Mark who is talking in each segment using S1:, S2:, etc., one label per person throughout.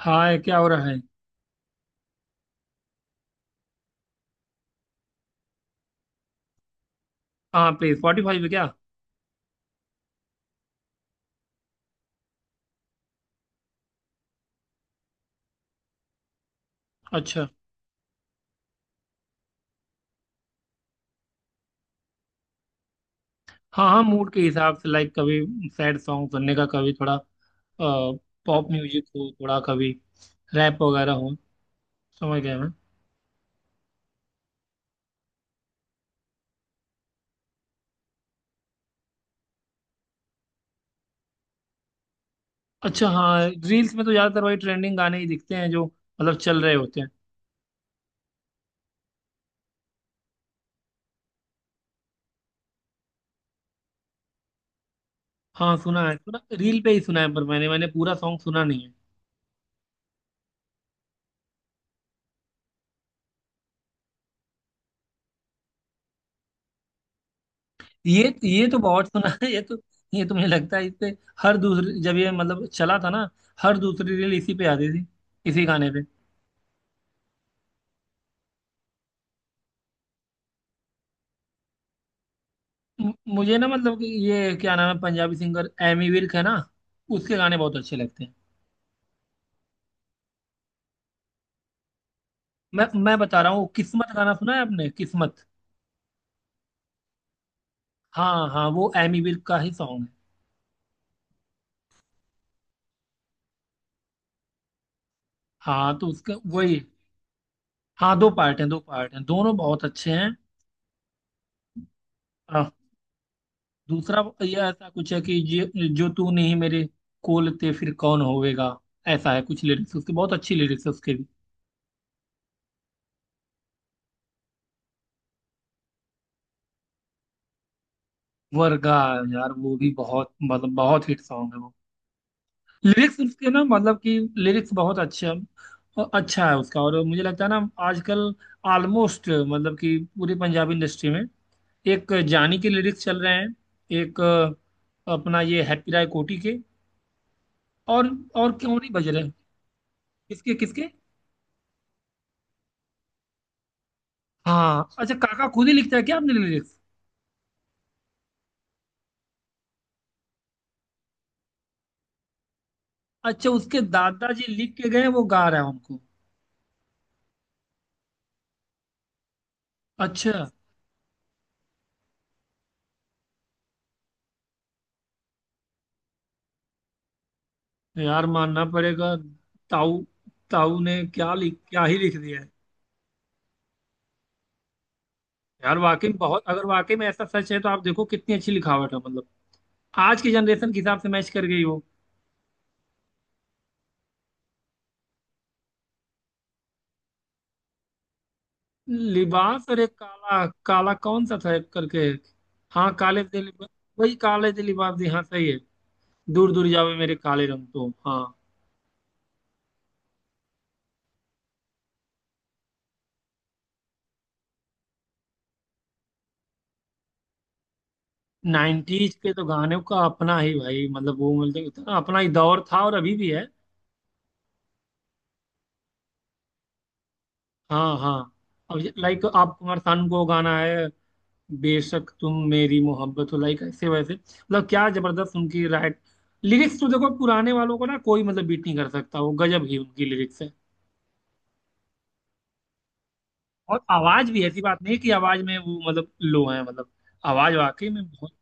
S1: हाय, क्या हो रहा है? हाँ, प्ले स्पॉटिफाई पे क्या? अच्छा। हाँ हाँ, मूड के हिसाब से, लाइक कभी सैड सॉन्ग सुनने का, कभी थोड़ा पॉप म्यूजिक हो, थोड़ा कभी रैप वगैरह हो। समझ गया मैं। अच्छा, हाँ रील्स में तो ज़्यादातर वही ट्रेंडिंग गाने ही दिखते हैं जो मतलब चल रहे होते हैं। हाँ सुना है, सुना, रील पे ही सुना है, पर मैंने मैंने पूरा सॉन्ग सुना नहीं है। ये तो बहुत सुना है ये तो। ये तो मुझे लगता है इस पे हर दूसरी, जब ये मतलब चला था ना, हर दूसरी रील इसी पे आती थी, इसी गाने पे। मुझे ना, मतलब कि ये क्या नाम है, पंजाबी सिंगर एमी विर्क है ना, उसके गाने बहुत अच्छे लगते हैं। मैं बता रहा हूँ, किस्मत गाना सुना है आपने? किस्मत। हाँ हाँ, वो एमी विर्क का ही सॉन्ग है। हाँ तो उसके वही। हाँ, दो पार्ट हैं, दो पार्ट हैं, दोनों बहुत अच्छे हैं। हाँ, दूसरा ये ऐसा कुछ है कि जो जो तू नहीं मेरे कोल ते फिर कौन होएगा, ऐसा है कुछ लिरिक्स, उसके बहुत अच्छी लिरिक्स है उसके भी। वर्गा, यार वो भी बहुत, मतलब बहुत हिट सॉन्ग है वो। लिरिक्स उसके ना, मतलब कि लिरिक्स बहुत अच्छा है उसका, और मुझे लगता है ना आजकल, ऑलमोस्ट मतलब कि पूरी पंजाबी इंडस्ट्री में एक जानी के लिरिक्स चल रहे हैं। एक अपना ये हैप्पी राय कोटी के, और और क्यों नहीं बज रहे हैं? किसके किसके? हाँ, अच्छा काका खुद ही लिखता है क्या आपने लिरिक्स? अच्छा, उसके दादाजी लिख के गए, वो गा रहा है उनको? अच्छा। यार मानना पड़ेगा। ताऊ, ताऊ ने क्या लिख, क्या ही लिख दिया है। यार वाकई में बहुत, अगर वाकई में ऐसा सच है, तो आप देखो कितनी अच्छी लिखावट है मतलब, आज की जनरेशन के हिसाब से मैच कर गई हो। लिबास और एक काला, काला कौन सा था एक करके? हाँ, काले दे लिबास। वही काले दे लिबास जी, हाँ सही है। दूर दूर जावे मेरे काले रंग, तो हाँ। नाइन्टीज के तो गानों का अपना ही भाई, मतलब वो, मतलब इतना अपना ही दौर था, और अभी भी है। हाँ हाँ। अब लाइक आप कुमार सानू को गाना है, बेशक तुम मेरी मोहब्बत हो, लाइक ऐसे वैसे मतलब क्या जबरदस्त उनकी, राइट? लिरिक्स तो देखो पुराने वालों को ना, कोई मतलब बीट नहीं कर सकता, वो गजब ही उनकी लिरिक्स है। और आवाज भी, ऐसी बात नहीं कि आवाज में वो मतलब लो है मतलब, आवाज वाकई में बहुत,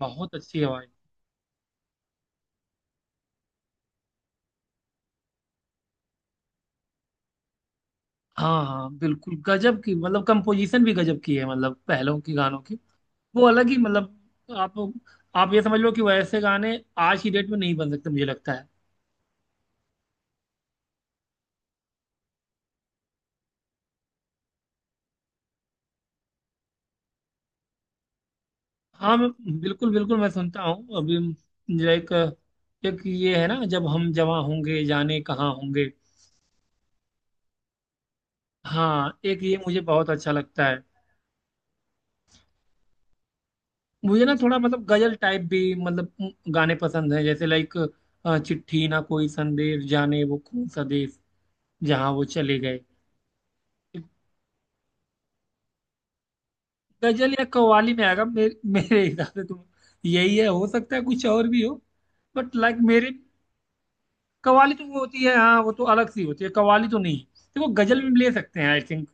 S1: बहुत अच्छी आवाज। हाँ हाँ बिल्कुल, गजब की, मतलब कंपोजिशन भी गजब की है मतलब, पहलों की गानों की, वो अलग ही मतलब, आप आप ये समझ लो कि वैसे गाने आज की डेट में नहीं बन सकते, मुझे लगता है। हाँ मैं, बिल्कुल बिल्कुल मैं सुनता हूँ अभी, लाइक एक ये है ना, जब हम जवां होंगे, जाने कहाँ होंगे। हाँ एक ये मुझे बहुत अच्छा लगता है। मुझे ना थोड़ा मतलब गजल टाइप भी, मतलब गाने पसंद है, जैसे लाइक चिट्ठी ना कोई संदेश, जाने वो कौन सा देश जहाँ वो चले गए। गजल या कव्वाली में आएगा, मेरे मेरे हिसाब से तो यही है, हो सकता है कुछ और भी हो, बट लाइक मेरे। कव्वाली तो वो होती है, हाँ वो तो अलग सी होती है, कव्वाली तो नहीं। देखो गजल भी ले सकते हैं, आई थिंक।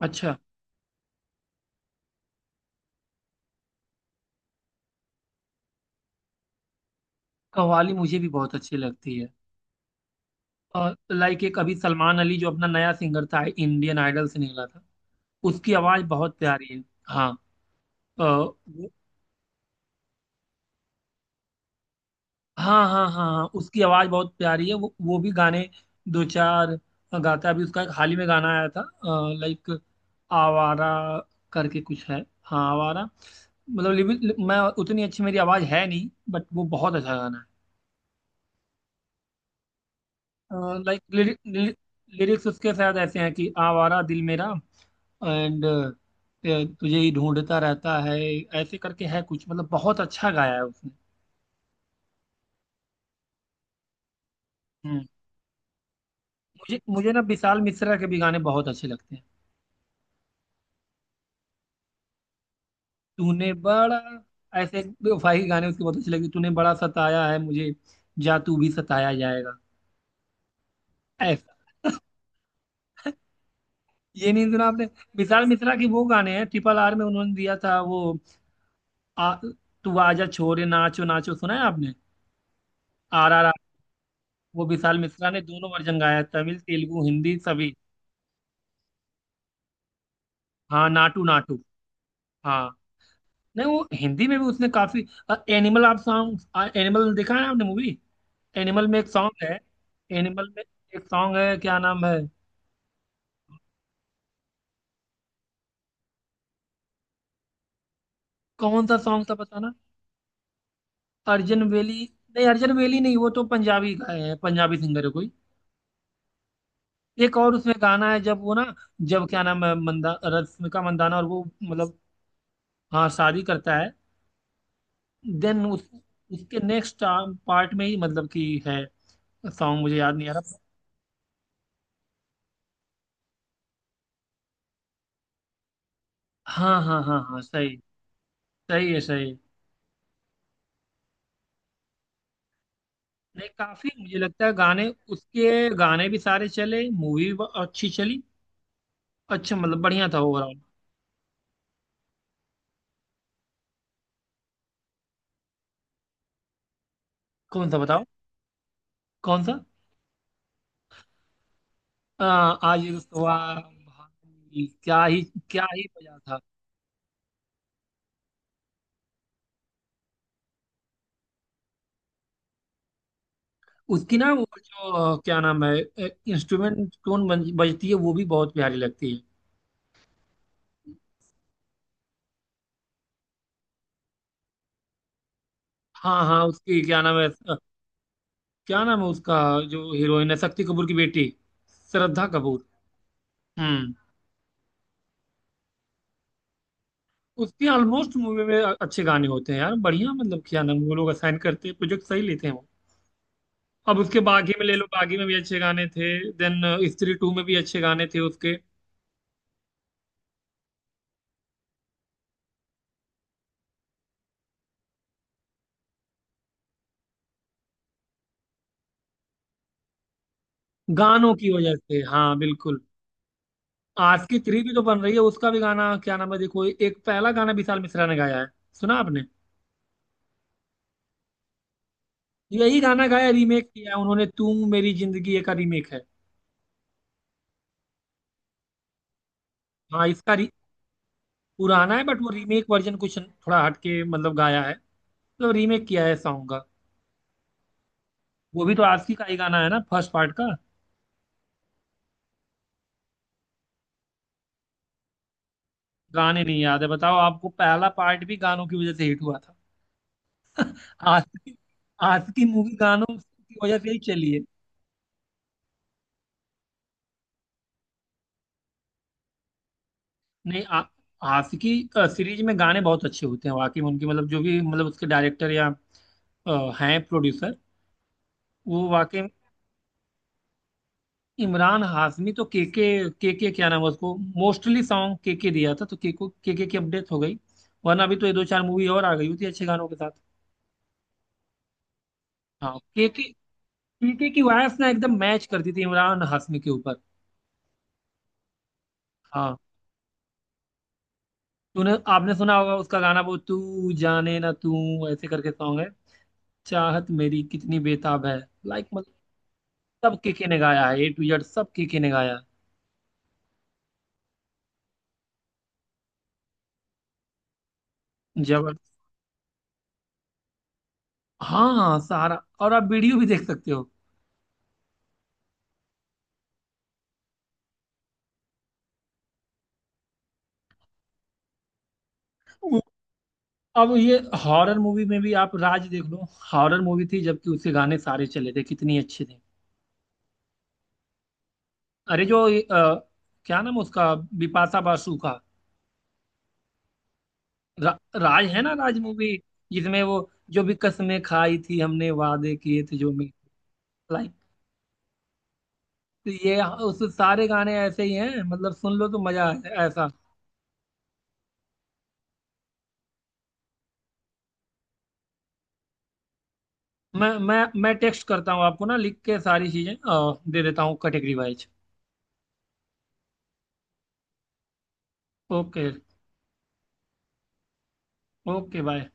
S1: अच्छा। कव्वाली मुझे भी बहुत अच्छी लगती है, और लाइक एक अभी सलमान अली, जो अपना नया सिंगर था, इंडियन आइडल से निकला था, उसकी आवाज बहुत प्यारी है। हाँ, अ, वो- हाँ हाँ हाँ हाँ, उसकी आवाज बहुत प्यारी है, वो भी गाने दो चार गाता है। अभी उसका एक हाल ही में गाना आया था, लाइक आवारा करके कुछ है। हाँ आवारा। मतलब मैं उतनी अच्छी मेरी आवाज है नहीं, बट वो बहुत अच्छा गाना है। लाइक लिरिक्स उसके शायद ऐसे हैं कि आवारा दिल मेरा एंड तुझे ही ढूंढता रहता है, ऐसे करके है कुछ, मतलब बहुत अच्छा गाया है उसने। हम्म। मुझे मुझे ना विशाल मिश्रा के भी गाने बहुत अच्छे लगते हैं। तूने बड़ा, ऐसे बेवफाई गाने उसके बहुत अच्छे लगे, तूने बड़ा सताया है मुझे, जा तू भी सताया जाएगा। ऐसा, ये नहीं सुना आपने? विशाल मिश्रा के वो गाने हैं, RRR में उन्होंने दिया था वो, आ, तू आजा छोरे, नाचो नाचो, सुना है आपने? RRR। वो विशाल मिश्रा ने दोनों वर्जन गाया है, तमिल तेलुगु हिंदी सभी। हाँ नाटू नाटू। हाँ नहीं, वो हिंदी में भी उसने काफी एनिमल आप सॉन्ग, एनिमल देखा है आपने मूवी? एनिमल में एक सॉन्ग है, एनिमल में एक सॉन्ग है, क्या नाम है? कौन सा सॉन्ग था बताना? अर्जन वेली, नहीं अर्जन वेली नहीं, वो तो पंजाबी का है, पंजाबी सिंगर है कोई। एक और उसमें गाना है, जब वो ना जब क्या नाम है, मंदा, रश्मिका मंदाना, और वो मतलब हाँ शादी करता है, देन उस, उसके नेक्स्ट पार्ट में ही मतलब कि है, सॉन्ग मुझे याद नहीं आ रहा। हाँ हाँ हाँ हाँ सही, सही है सही। नहीं काफी, मुझे लगता है गाने, उसके गाने भी सारे चले, मूवी भी अच्छी चली, अच्छा मतलब बढ़िया था ओवरऑल। कौन सा बताओ? कौन सा? आ, आज ये रुसवा भाई, क्या ही मजा था। उसकी ना वो जो क्या नाम है इंस्ट्रूमेंट टोन बजती है, वो भी बहुत प्यारी लगती है। हाँ हाँ, उसकी क्या नाम है, क्या नाम है उसका, जो हीरोइन है, शक्ति कपूर की बेटी, श्रद्धा कपूर। हम्म। उसके ऑलमोस्ट मूवी में अच्छे गाने होते हैं यार, बढ़िया, मतलब क्या नाम वो लोग असाइन करते हैं, प्रोजेक्ट सही लेते हैं वो। अब उसके बागी में ले लो, बागी में भी अच्छे गाने थे। देन स्त्री टू में भी अच्छे गाने थे उसके। गानों की वजह से, हाँ बिल्कुल। आज की थ्री भी तो बन रही है, उसका भी गाना क्या नाम है, देखो एक पहला गाना विशाल मिश्रा ने गाया है। सुना आपने? यही गाना गाया, रीमेक किया है उन्होंने, तुम मेरी जिंदगी ये का रीमेक है। हाँ पुराना है, बट वो रीमेक वर्जन कुछ थोड़ा हटके मतलब गाया है, मतलब रीमेक किया है सॉन्ग का। वो भी तो आशिकी का ही गाना है ना, फर्स्ट पार्ट का। गाने नहीं याद है? बताओ, आपको पहला पार्ट भी गानों की वजह से हिट हुआ था। आशिकी, आशिकी मूवी गानों की वजह से ही चली है। नहीं आशिकी सीरीज में गाने बहुत अच्छे होते हैं वाकई में उनके, मतलब जो भी मतलब उसके डायरेक्टर या अ, हैं प्रोड्यूसर, वो वाकई में। इमरान हाशमी तो के, के क्या नाम है उसको, मोस्टली सॉन्ग के दिया था, तो के को, के की अपडेट हो गई, वरना अभी तो ये दो चार मूवी और आ गई होती है अच्छे गानों के साथ। हाँ के, पीके की वाइफ ना एकदम मैच करती थी इमरान हाशमी के ऊपर। हाँ तूने, आपने सुना होगा उसका गाना वो, तू जाने ना, तू ऐसे करके सॉन्ग है, चाहत मेरी कितनी बेताब है। लाइक मतलब सब केके ने गाया है, A to Z सब केके ने गाया है जबर, हाँ सारा। और आप वीडियो भी देख सकते हो। वो- अब ये हॉरर मूवी में भी आप राज देख लो, हॉरर मूवी थी जबकि, उसके गाने सारे चले थे, कितनी अच्छे थे। अरे जो क्या नाम उसका, बिपाशा बासु का, राज है ना, राज मूवी जिसमें वो, जो भी कसमें खाई थी हमने, वादे किए थे जो भी। लाइक ये उस सारे गाने ऐसे ही हैं, मतलब सुन लो तो मजा आए ऐसा। मैं टेक्स्ट करता हूँ आपको ना, लिख के सारी चीजें दे देता हूँ category wise. Okay. Okay, bye.